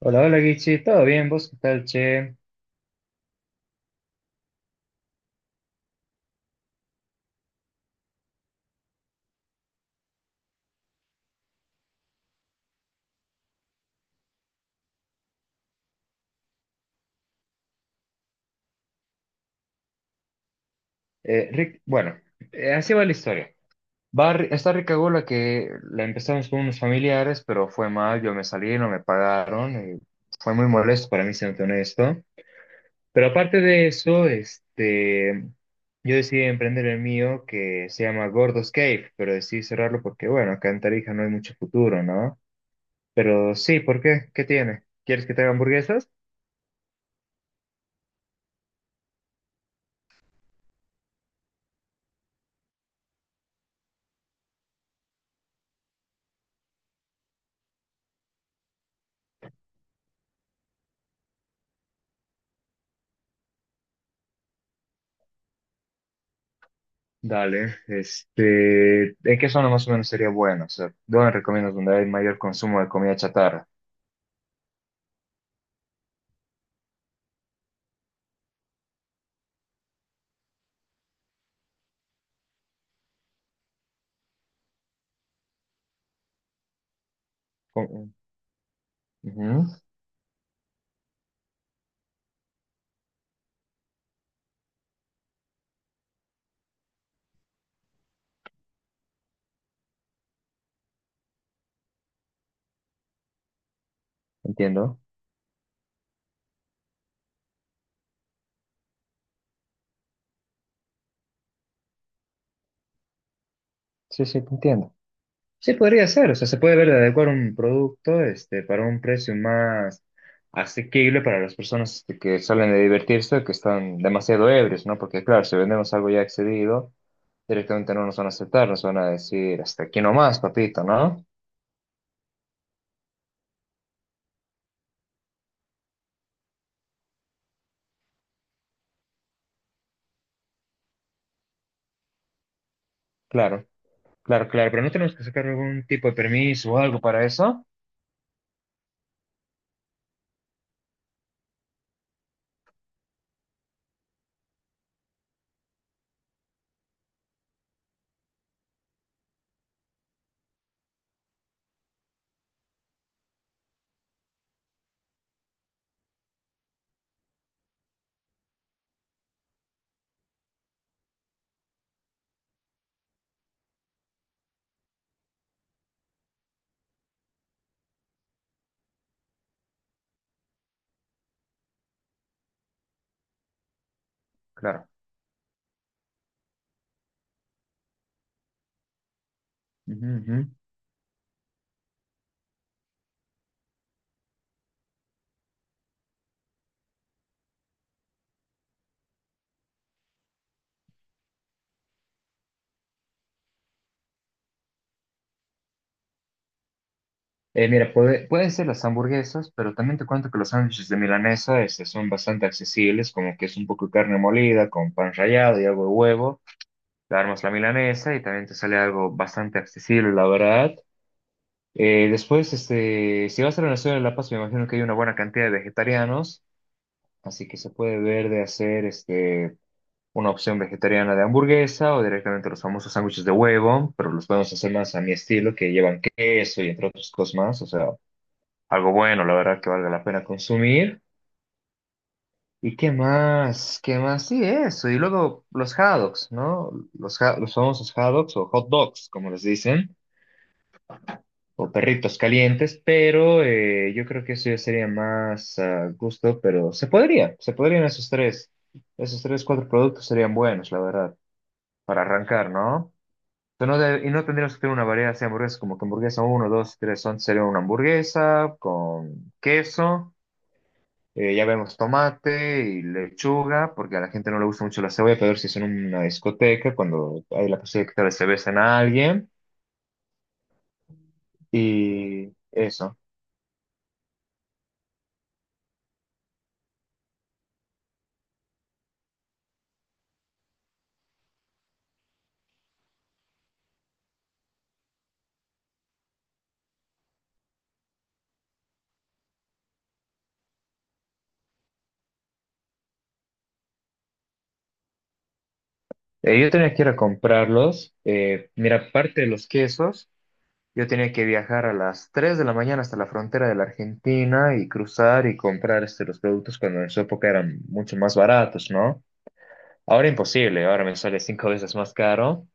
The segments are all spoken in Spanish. Hola, hola Guichi, ¿todo bien? ¿Vos qué tal, che? Rick, bueno, así va la historia. Está Rica Gola que la empezamos con unos familiares, pero fue mal, yo me salí, no me pagaron, y fue muy molesto para mí, siendo honesto. Pero aparte de eso, yo decidí emprender el mío que se llama Gordos Cave, pero decidí cerrarlo porque, bueno, acá en Tarija no hay mucho futuro, ¿no? Pero sí, ¿por qué? ¿Qué tiene? ¿Quieres que te haga hamburguesas? Dale, ¿en qué zona más o menos sería bueno? O sea, ¿dónde recomiendas donde hay mayor consumo de comida chatarra? Com- Ujú. Entiendo. Sí, sí, te entiendo. Sí, podría ser, o sea, se puede ver de adecuar un producto, para un precio más asequible para las personas que salen de divertirse, que están demasiado ebrios, ¿no? Porque claro, si vendemos algo ya excedido, directamente no nos van a aceptar, nos van a decir, hasta aquí nomás, papito, ¿no? Claro, claro, claro, pero no tenemos que sacar algún tipo de permiso o algo para eso. Claro. Ujú, ujú. Mira, pueden ser las hamburguesas, pero también te cuento que los sándwiches de milanesa son bastante accesibles, como que es un poco de carne molida con pan rallado y algo de huevo. Le armas la milanesa y también te sale algo bastante accesible, la verdad. Después, si vas a la Nación de La Paz, me imagino que hay una buena cantidad de vegetarianos, así que se puede ver de hacer. Una opción vegetariana de hamburguesa o directamente los famosos sándwiches de huevo, pero los podemos hacer más a mi estilo, que llevan queso y entre otras cosas más, o sea, algo bueno, la verdad que valga la pena consumir. ¿Y qué más? ¿Qué más? Sí, eso. Y luego los hot dogs, ¿no? Los famosos hot dogs o hot dogs, como les dicen, o perritos calientes, pero yo creo que eso ya sería más a gusto, pero se podrían esos tres. Esos tres, cuatro productos serían buenos, la verdad, para arrancar, ¿no? Pero y no tendríamos que tener una variedad así de hamburguesas, como que hamburguesa uno 2 3 11 sería una hamburguesa con queso, ya vemos tomate y lechuga, porque a la gente no le gusta mucho la cebolla, pero si es en una discoteca, cuando hay la posibilidad que tal vez se besen a alguien, y eso. Yo tenía que ir a comprarlos, mira, aparte de los quesos, yo tenía que viajar a las 3 de la mañana hasta la frontera de la Argentina y cruzar y comprar los productos cuando en su época eran mucho más baratos, ¿no? Ahora imposible, ahora me sale cinco veces más caro.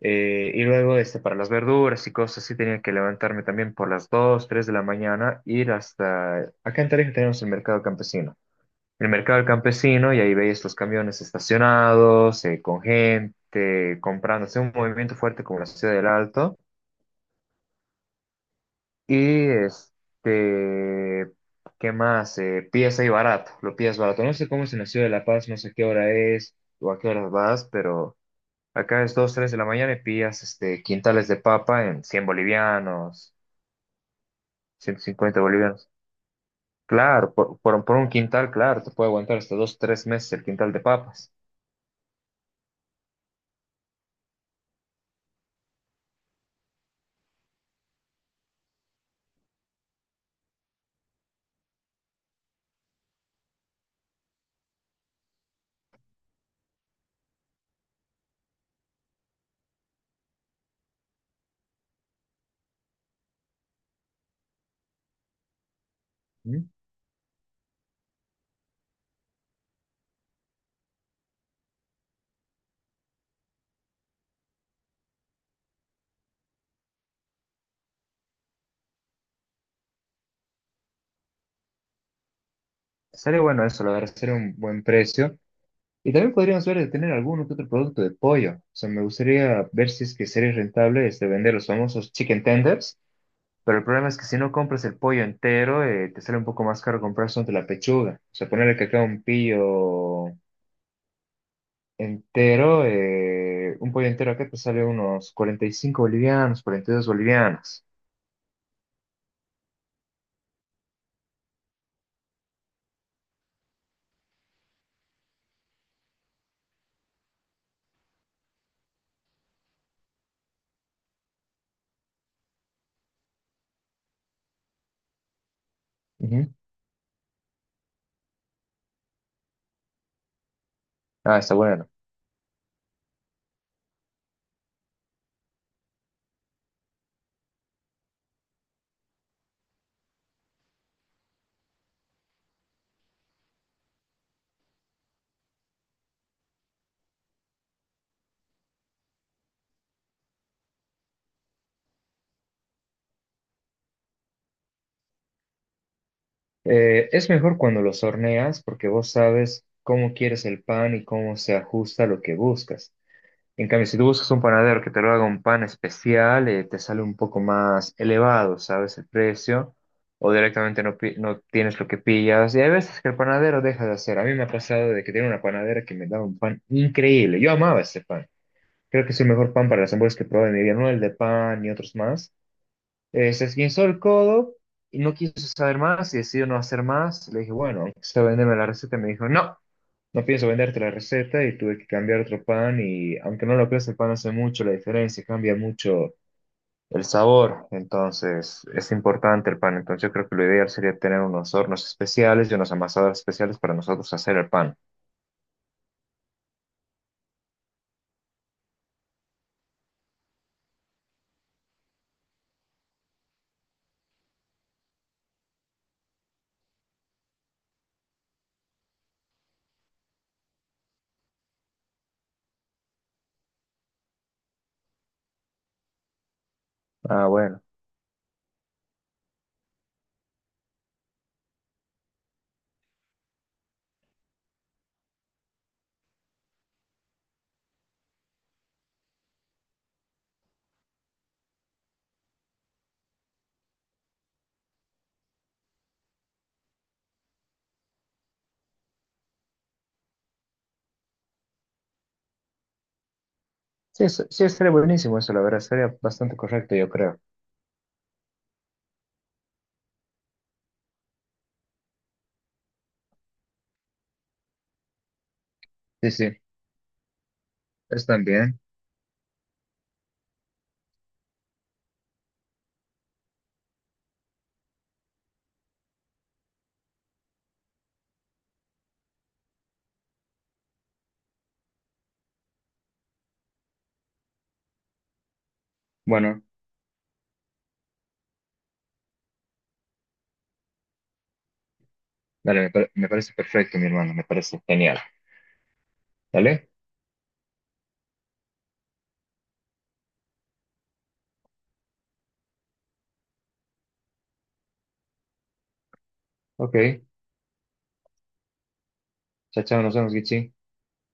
Y luego para las verduras y cosas así tenía que levantarme también por las 2 3 de la mañana, ir hasta... Acá en Tarija tenemos el mercado campesino. El mercado del campesino y ahí veis los camiones estacionados, con gente comprando, hace un movimiento fuerte como la ciudad del Alto. Y ¿qué más? Pies ahí barato, lo pides barato. No sé cómo es en la ciudad de La Paz, no sé qué hora es o a qué horas vas, pero... Acá es 2 3 de la mañana y pillas quintales de papa en 100 bolivianos, 150 bolivianos. Claro, por un quintal, claro, te puede aguantar hasta 2 3 meses el quintal de papas. ¿Mm? Sería bueno eso, la verdad, sería un buen precio. Y también podríamos ver de tener algún que otro producto de pollo. O sea, me gustaría ver si es que sería rentable vender los famosos chicken tenders. Pero el problema es que si no compras el pollo entero, te sale un poco más caro comprar solamente la pechuga. O sea, ponerle que acá un pillo, entero, un pollo entero acá te sale unos 45 bolivianos, 42 bolivianos. Ujú. Ah, está bueno. Es mejor cuando los horneas porque vos sabes cómo quieres el pan y cómo se ajusta a lo que buscas. En cambio, si tú buscas un panadero que te lo haga un pan especial, te sale un poco más elevado, ¿sabes? El precio. O directamente no, no tienes lo que pillas. Y hay veces que el panadero deja de hacer. A mí me ha pasado de que tenía una panadera que me daba un pan increíble. Yo amaba ese pan. Creo que es el mejor pan para las hamburguesas que probé en mi vida, no el de pan ni otros más. Se esguinzó el codo y no quiso saber más y decidió no hacer más. Le dije, bueno, se venderme la receta. Me dijo, no, no pienso venderte la receta y tuve que cambiar otro pan y aunque no lo creas, el pan hace mucho la diferencia, cambia mucho el sabor. Entonces, es importante el pan. Entonces, yo creo que lo ideal sería tener unos hornos especiales y unos amasadores especiales para nosotros hacer el pan. Ah, bueno. Sí, sí, estaría buenísimo eso, la verdad, sería bastante correcto, yo creo. Sí, sí. Están bien. Bueno, dale, me parece perfecto, mi hermano, me parece genial. ¿Dale? Ok. Chao, chao, nos vemos, Gichi.